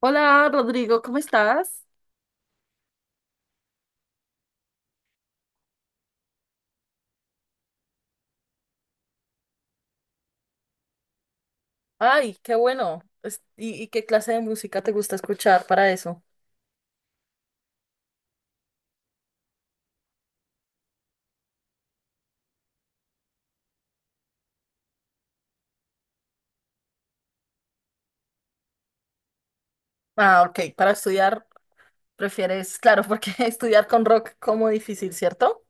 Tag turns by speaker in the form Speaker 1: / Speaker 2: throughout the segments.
Speaker 1: Hola Rodrigo, ¿cómo estás? Ay, qué bueno. ¿Y qué clase de música te gusta escuchar para eso? Ah, ok, para estudiar prefieres, claro, porque estudiar con rock como difícil, ¿cierto?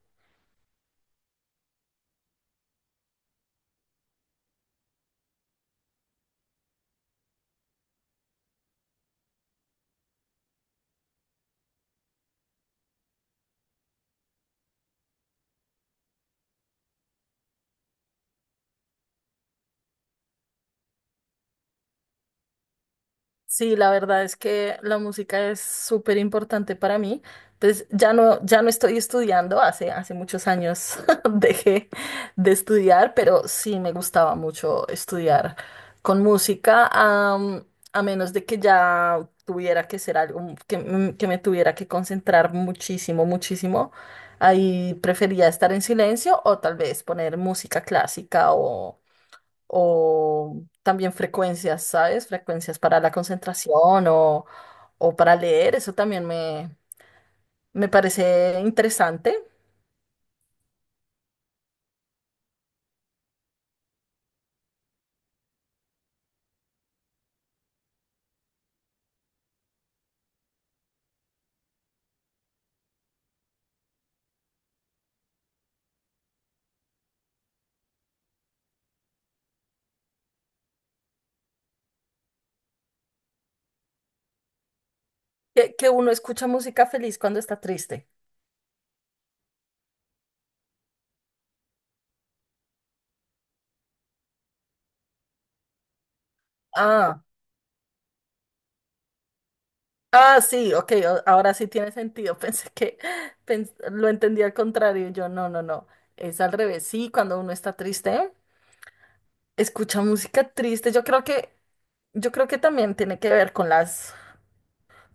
Speaker 1: Sí, la verdad es que la música es súper importante para mí. Entonces, ya no estoy estudiando, hace muchos años dejé de estudiar, pero sí me gustaba mucho estudiar con música, a menos de que ya tuviera que ser algo que me tuviera que concentrar muchísimo, muchísimo. Ahí prefería estar en silencio o tal vez poner música clásica o también frecuencias, ¿sabes? Frecuencias para la concentración o para leer, me parece interesante. Que uno escucha música feliz cuando está triste. Ah, ah, sí, ok, ahora sí tiene sentido. Lo entendí al contrario. Yo, no, no, No, es al revés. Sí, cuando uno está triste, escucha música triste. Yo creo que también tiene que ver con las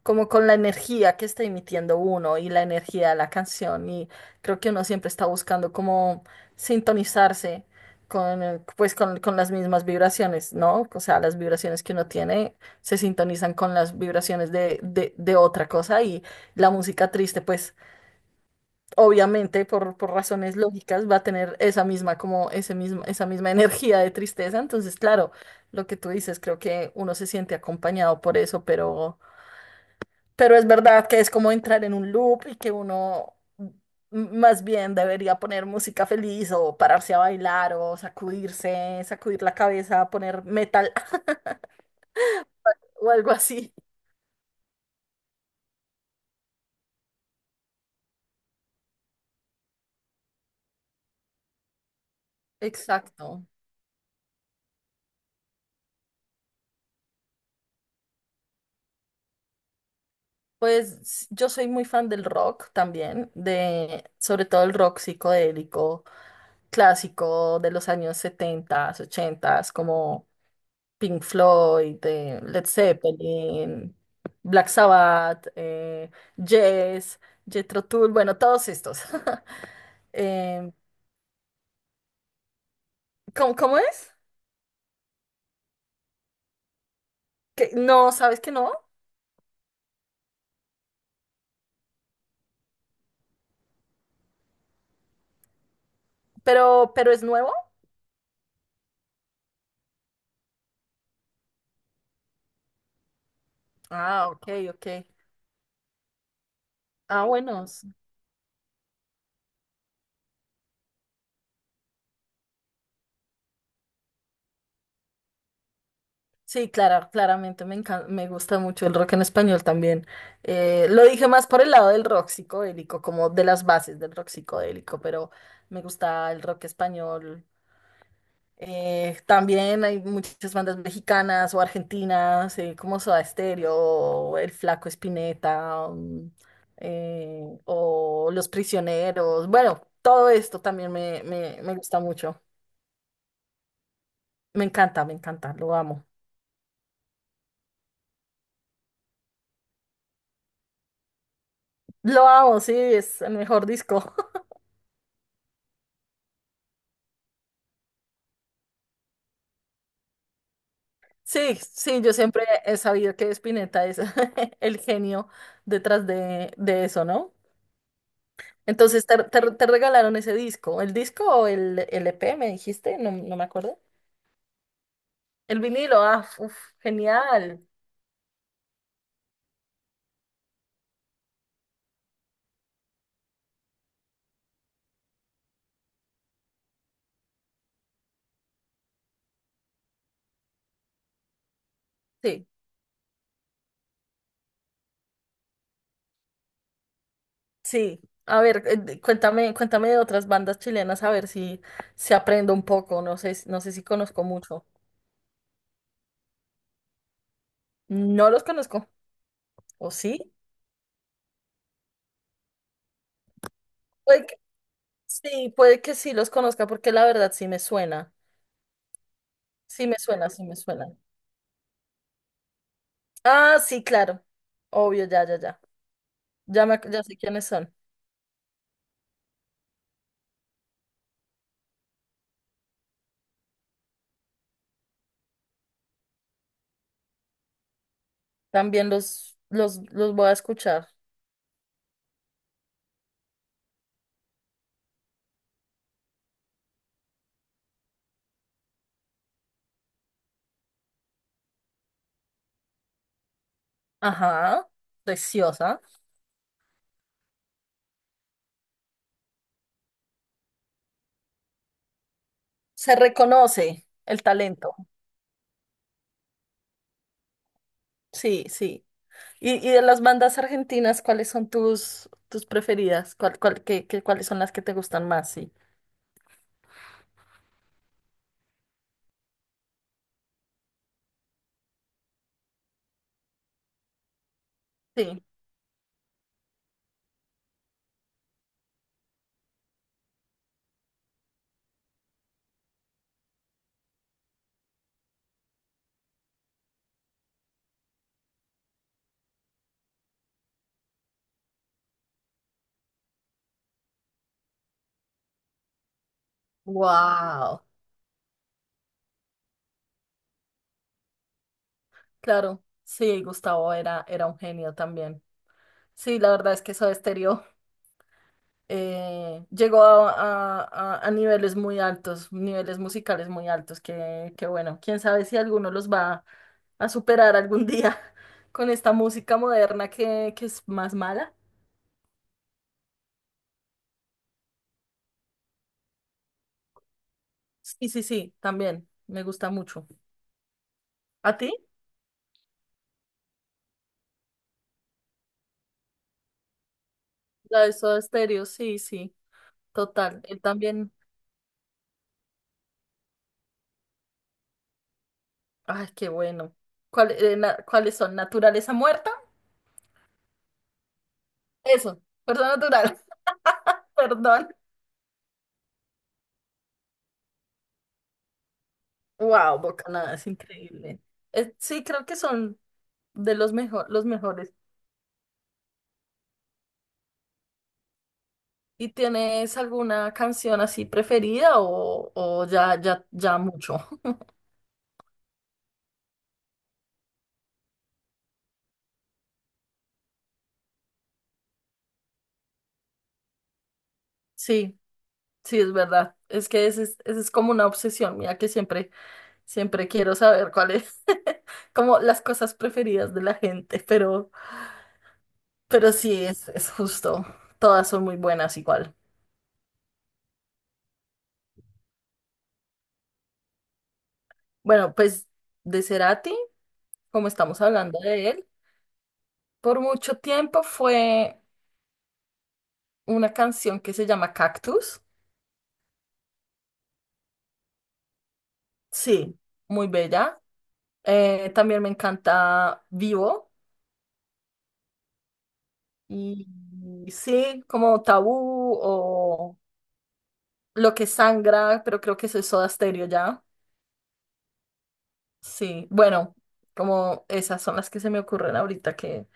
Speaker 1: como con la energía que está emitiendo uno y la energía de la canción. Y creo que uno siempre está buscando como sintonizarse con con las mismas vibraciones, ¿no? O sea, las vibraciones que uno tiene se sintonizan con las vibraciones de otra cosa y la música triste, pues, obviamente, por razones lógicas, va a tener esa misma, como ese mismo, esa misma energía de tristeza. Entonces, claro, lo que tú dices, creo que uno se siente acompañado por eso, pero... Pero es verdad que es como entrar en un loop y que más bien debería poner música feliz o pararse a bailar o sacudirse, sacudir la cabeza, poner metal o algo así. Exacto. Yo soy muy fan del rock también, de sobre todo el rock psicodélico clásico de los años 70, 80, como Pink Floyd, Led Zeppelin, Black Sabbath, Jess, Jethro Tull, bueno, todos estos. Em, cómo es? ¿Que no, sabes que no? Pero es nuevo? Ah, ok, ok. Ah, bueno. Sí, claro, claramente me encanta, me gusta mucho el rock en español también. Lo dije más por el lado del rock psicodélico, como de las bases del rock psicodélico, pero me gusta el rock español. También hay muchas bandas mexicanas o argentinas, como Soda Stereo, El Flaco Spinetta, o Los Prisioneros. Bueno, todo esto también me gusta mucho. Me encanta, lo amo. Lo amo, sí, es el mejor disco. Sí, sí, yo siempre he sabido que Spinetta es el genio detrás de eso, ¿no? Entonces, te regalaron ese disco. ¿El disco o el EP me dijiste? No, no me acuerdo. El vinilo, ah, uf, genial. Sí, sí. A ver, cuéntame, cuéntame de otras bandas chilenas, a ver si, si aprendo un poco. No sé, no sé si conozco mucho. No los conozco. ¿O sí? Puede que- sí, puede que sí los conozca, porque la verdad sí me suena. Sí me suena, sí me suena. Ah, sí, claro. Obvio, ya, ya, ya. Ya sé quiénes son. También los voy a escuchar. Ajá. Preciosa. Se reconoce el talento. Sí, sí. Y de las bandas argentinas, ¿cuáles son tus preferidas? Cuáles son las que te gustan más? Sí. Sí. Wow. Claro. Sí, Gustavo era un genio también. Sí, la verdad es que Soda Stereo llegó a niveles muy altos, niveles musicales muy altos, que bueno, quién sabe si alguno los va a superar algún día con esta música moderna que es más mala. Sí, sí, sí, también me gusta mucho. ¿A ti? La de Soda Stereo, sí, sí, total. Él también. Ay, qué bueno. ¿Cuáles son? ¿Naturaleza muerta? Eso, perdón, natural, perdón. Wow, Bocanada es increíble. Sí, creo que son de los mejor, los mejores. ¿Y tienes alguna canción así preferida o ya, ya, ya mucho? Sí, sí, es verdad. Es que ese es como una obsesión mía que siempre, siempre quiero saber cuál es como las cosas preferidas de la gente, pero sí, es justo. Todas son muy buenas igual. Bueno, pues de Cerati, como estamos hablando de él, por mucho tiempo fue una canción que se llama Cactus. Sí, muy bella. También me encanta Vivo. Y sí, como Tabú o Lo que sangra, pero creo que eso es Soda Stereo ya. Sí, bueno, como esas son las que se me ocurren ahorita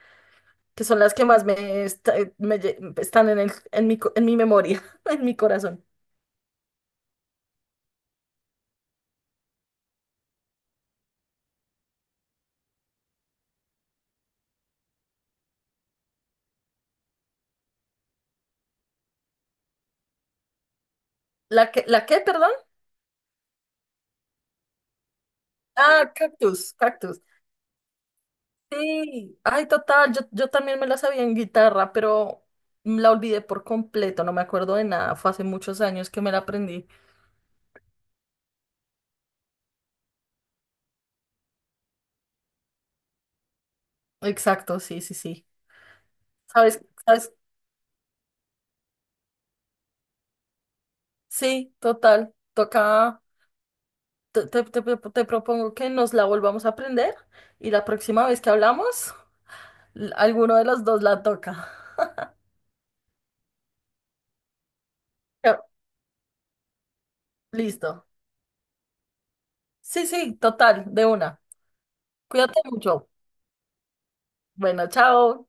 Speaker 1: que son las que más me, esta- me lle- están en mi, en mi memoria, en mi corazón. La qué, perdón? Ah, cactus, cactus. Sí, ay, total, yo también me la sabía en guitarra, pero la olvidé por completo, no me acuerdo de nada, fue hace muchos años que me la aprendí. Exacto, sí, sí, sí. ¿Sabes? ¿Sabes? Sí, total, toca, te propongo que nos la volvamos a aprender y la próxima vez que hablamos, alguno de los dos la toca. Listo. Sí, sí, total, de una. Cuídate mucho. Bueno, chao.